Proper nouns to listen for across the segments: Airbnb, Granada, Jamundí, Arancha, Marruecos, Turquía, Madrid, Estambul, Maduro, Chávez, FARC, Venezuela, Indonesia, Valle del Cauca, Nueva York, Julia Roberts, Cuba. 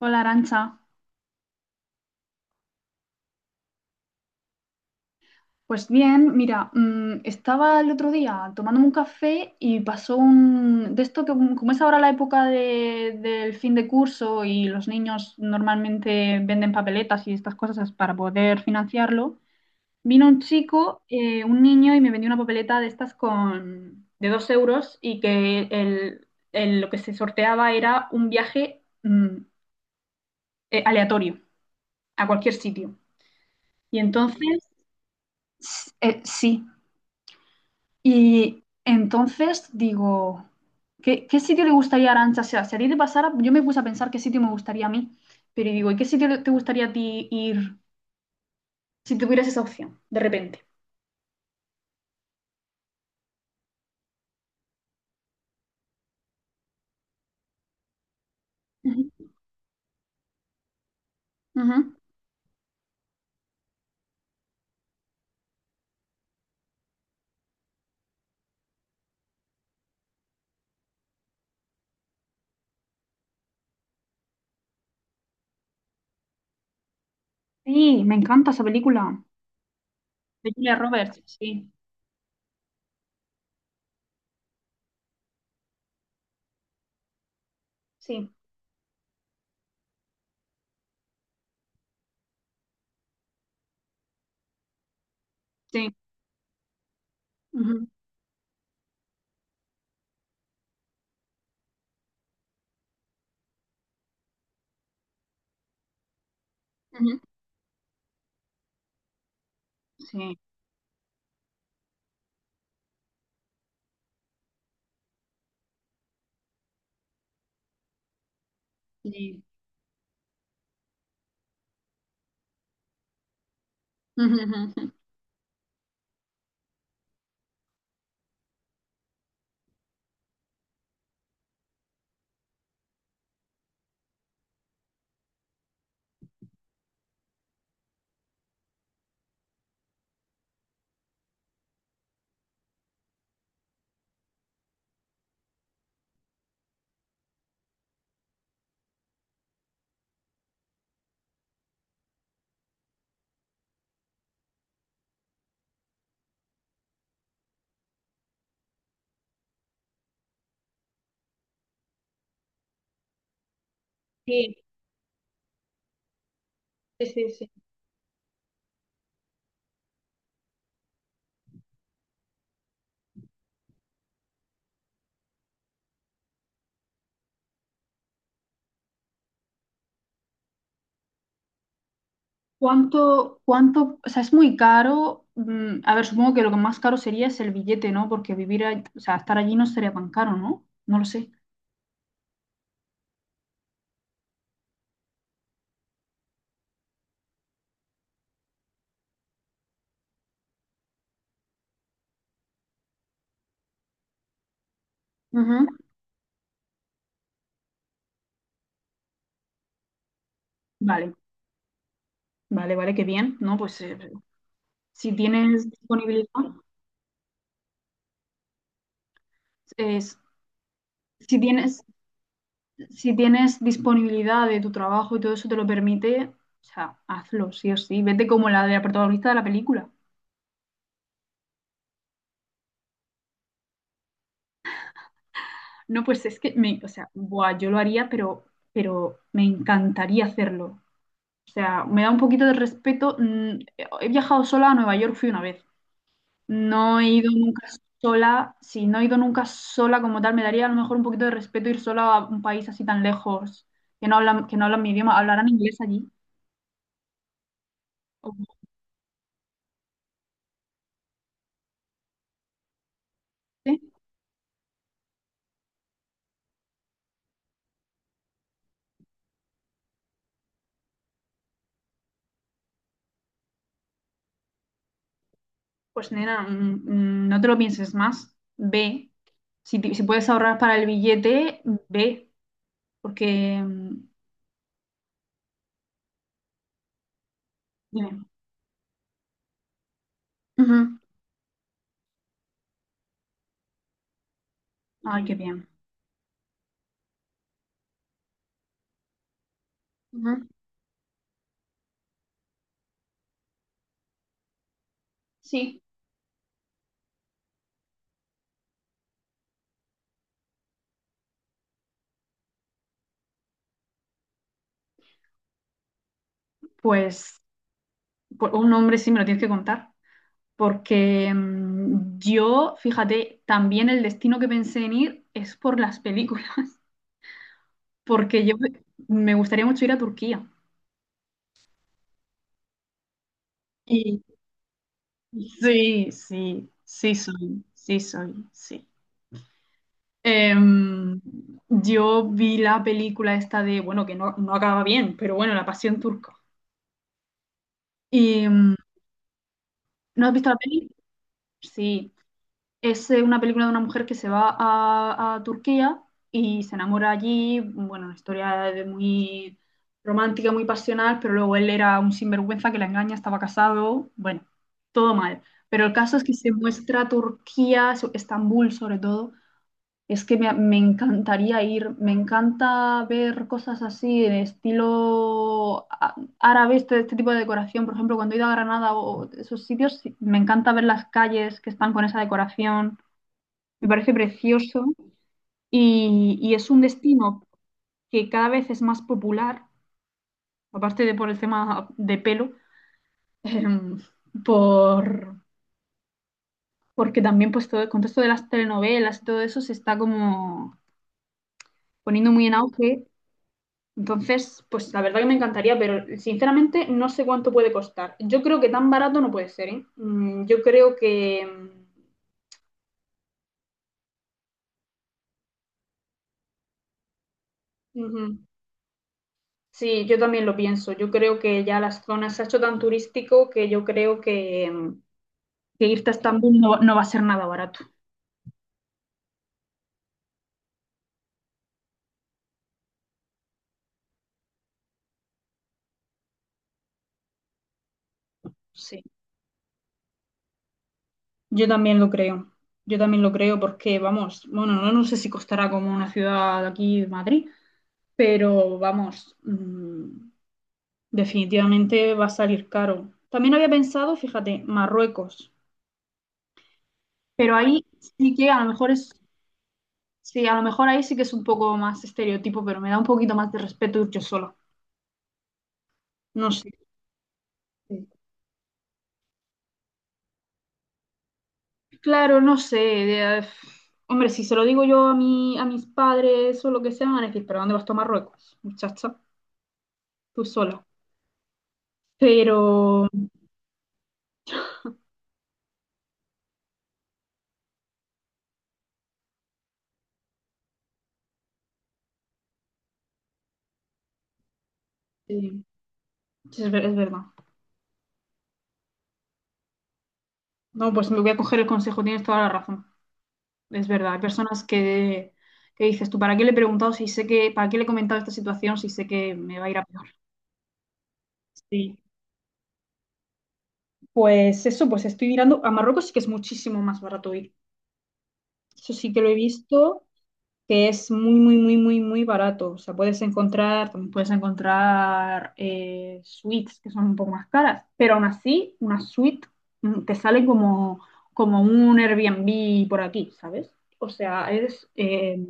Hola, Arancha. Pues bien, mira, estaba el otro día tomándome un café y pasó un de esto que, como es ahora la época del fin de curso y los niños normalmente venden papeletas y estas cosas para poder financiarlo, vino un chico, un niño y me vendió una papeleta de estas con de 2 euros y que lo que se sorteaba era un viaje, aleatorio, a cualquier sitio. Y entonces, sí. Y entonces digo, ¿qué sitio le gustaría a Arantxa? O sea, si a ti te pasara, yo me puse a pensar qué sitio me gustaría a mí, pero digo, ¿y qué sitio te gustaría a ti ir si tuvieras esa opción, de repente? Ujú. Ujú. Sí, me encanta esa película. De Julia Roberts, sí, sí, sí. Ujú. Ujú, sí. Sí. Ujú, ujú, ujú. Sí, sí, sí, sí. ¿Cuánto, o sea, es muy caro? A ver, supongo que lo que más caro sería es el billete, ¿no? Porque vivir, o sea, estar allí no sería tan caro, ¿no? No lo sé. Ujú. Vale, vale, vale, qué bien, ¿no? Pues, si tienes disponibilidad, es- si tienes, si tienes disponibilidad de tu trabajo y todo eso te lo permite, o sea, hazlo, sí o sí. Vete como la de la protagonista de la película. No, pues es que me, o sea, buah, yo lo haría, pero me encantaría hacerlo. O sea, me da un poquito de respeto. He viajado sola a Nueva York, fui una vez. No he ido nunca sola. Si no he ido nunca sola como tal, me daría a lo mejor un poquito de respeto ir sola a un país así tan lejos, que no hablan mi idioma. ¿Hablarán inglés allí? ¿O no sé? Pues nena, no te lo pienses más. Ve. Si puedes ahorrar para el billete, ve. Porque... mm, Dime. Ujú. Ay, qué bien. Ujú. Sí. Pues, pues un hombre sí me lo tienes que contar. Porque yo, fíjate, también el destino que pensé en ir es por las películas, porque yo me gustaría mucho ir a Turquía. Y sí, sí, sí soy, sí. Em, yo vi la película esta de, bueno, que no acaba bien, pero bueno, La Pasión Turca. Y, ¿no has visto la peli? Sí. Es una película de una mujer que se va a Turquía y se enamora allí, bueno, una historia de muy romántica, muy pasional, pero luego él era un sinvergüenza que la engaña, estaba casado, bueno, todo mal. Pero el caso es que se muestra Turquía, Estambul sobre todo. Es que me encantaría ir, me encanta ver cosas así de estilo árabe, este tipo de decoración, por ejemplo, cuando he ido a Granada o esos sitios, sí, me encanta ver las calles que están con esa decoración. Me parece precioso, y es un destino que cada vez es más popular, aparte de por el tema de pelo. em, por, Porque también pues todo el contexto de las telenovelas y todo eso se está como poniendo muy en auge. Entonces, pues la verdad que me encantaría, pero sinceramente no sé cuánto puede costar. Yo creo que tan barato no puede ser, ¿eh? Yo creo que... ujú. Sí, yo también lo pienso. Yo creo que ya las zonas se ha hecho tan turístico que yo creo que... que irte a Estambul no va a ser nada barato. Sí, yo también lo creo. Yo también lo creo porque, vamos, bueno, no sé si costará como una ciudad de aquí, Madrid, pero vamos, definitivamente va a salir caro. También había pensado, fíjate, Marruecos, pero ahí sí que a lo mejor es, sí, a lo mejor ahí sí que es un poco más estereotipo, pero me da un poquito más de respeto ir yo sola. No sé. Claro, no sé. Hombre, si se lo digo yo a mis padres o lo que sea, me van a decir: ¿pero dónde vas tú a Marruecos, muchacha? Tú sola. Pero sí, sí, es verdad. No, pues me voy a coger el consejo, tienes toda la razón. Es verdad. Hay personas que dices: ¿tú para qué le he preguntado si sé que, para qué le he comentado esta situación si sé que me va a ir a peor? Sí. Pues eso, pues estoy mirando. A Marruecos sí que es muchísimo más barato ir. Eso sí que lo he visto, que es muy, muy, muy, muy, muy barato. O sea, puedes encontrar, también puedes encontrar suites que son un poco más caras, pero aún así, una suite te sale como un Airbnb por aquí, ¿sabes? O sea, es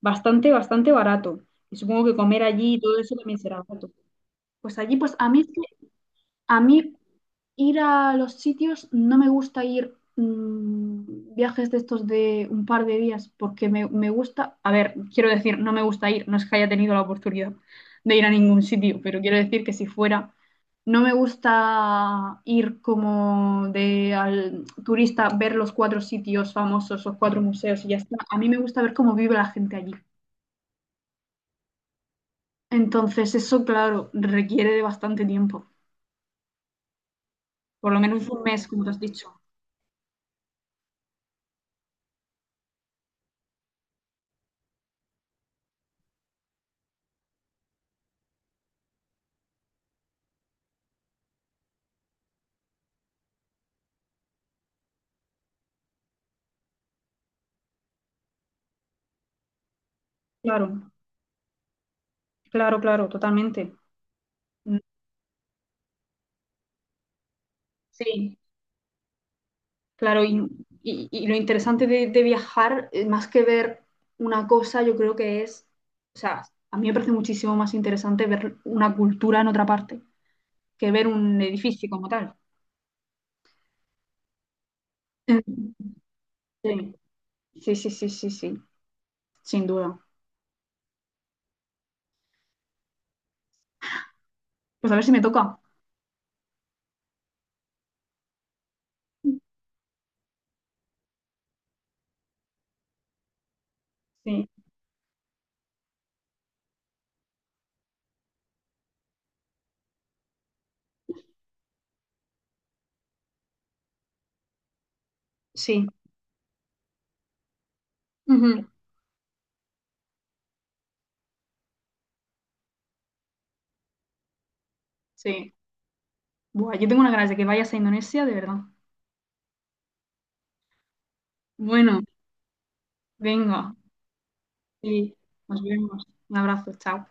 bastante, bastante barato. Y supongo que comer allí y todo eso también será barato. Pues allí, pues a mí ir a los sitios, no me gusta ir viajes de estos de un par de días, porque me gusta, a ver, quiero decir, no me gusta ir, no es que haya tenido la oportunidad de ir a ningún sitio, pero quiero decir que si fuera, no me gusta ir como de al turista, ver los cuatro sitios famosos, los cuatro museos y ya está. A mí me gusta ver cómo vive la gente allí. Entonces, eso, claro, requiere de bastante tiempo, por lo menos un mes, como te has dicho. Claro, claro, claro, totalmente. Sí, claro, y lo interesante de viajar, más que ver una cosa, yo creo que es, o sea, a mí me parece muchísimo más interesante ver una cultura en otra parte que ver un edificio como tal. Mm, sí, sí, sí, sí, sí, sí, sin duda. Pues a ver si me toca. Sí, sí, ujú, sí. Buah, yo tengo una ganas de que vayas a Indonesia, de verdad. Bueno, venga, sí, nos vemos. Un abrazo, chao.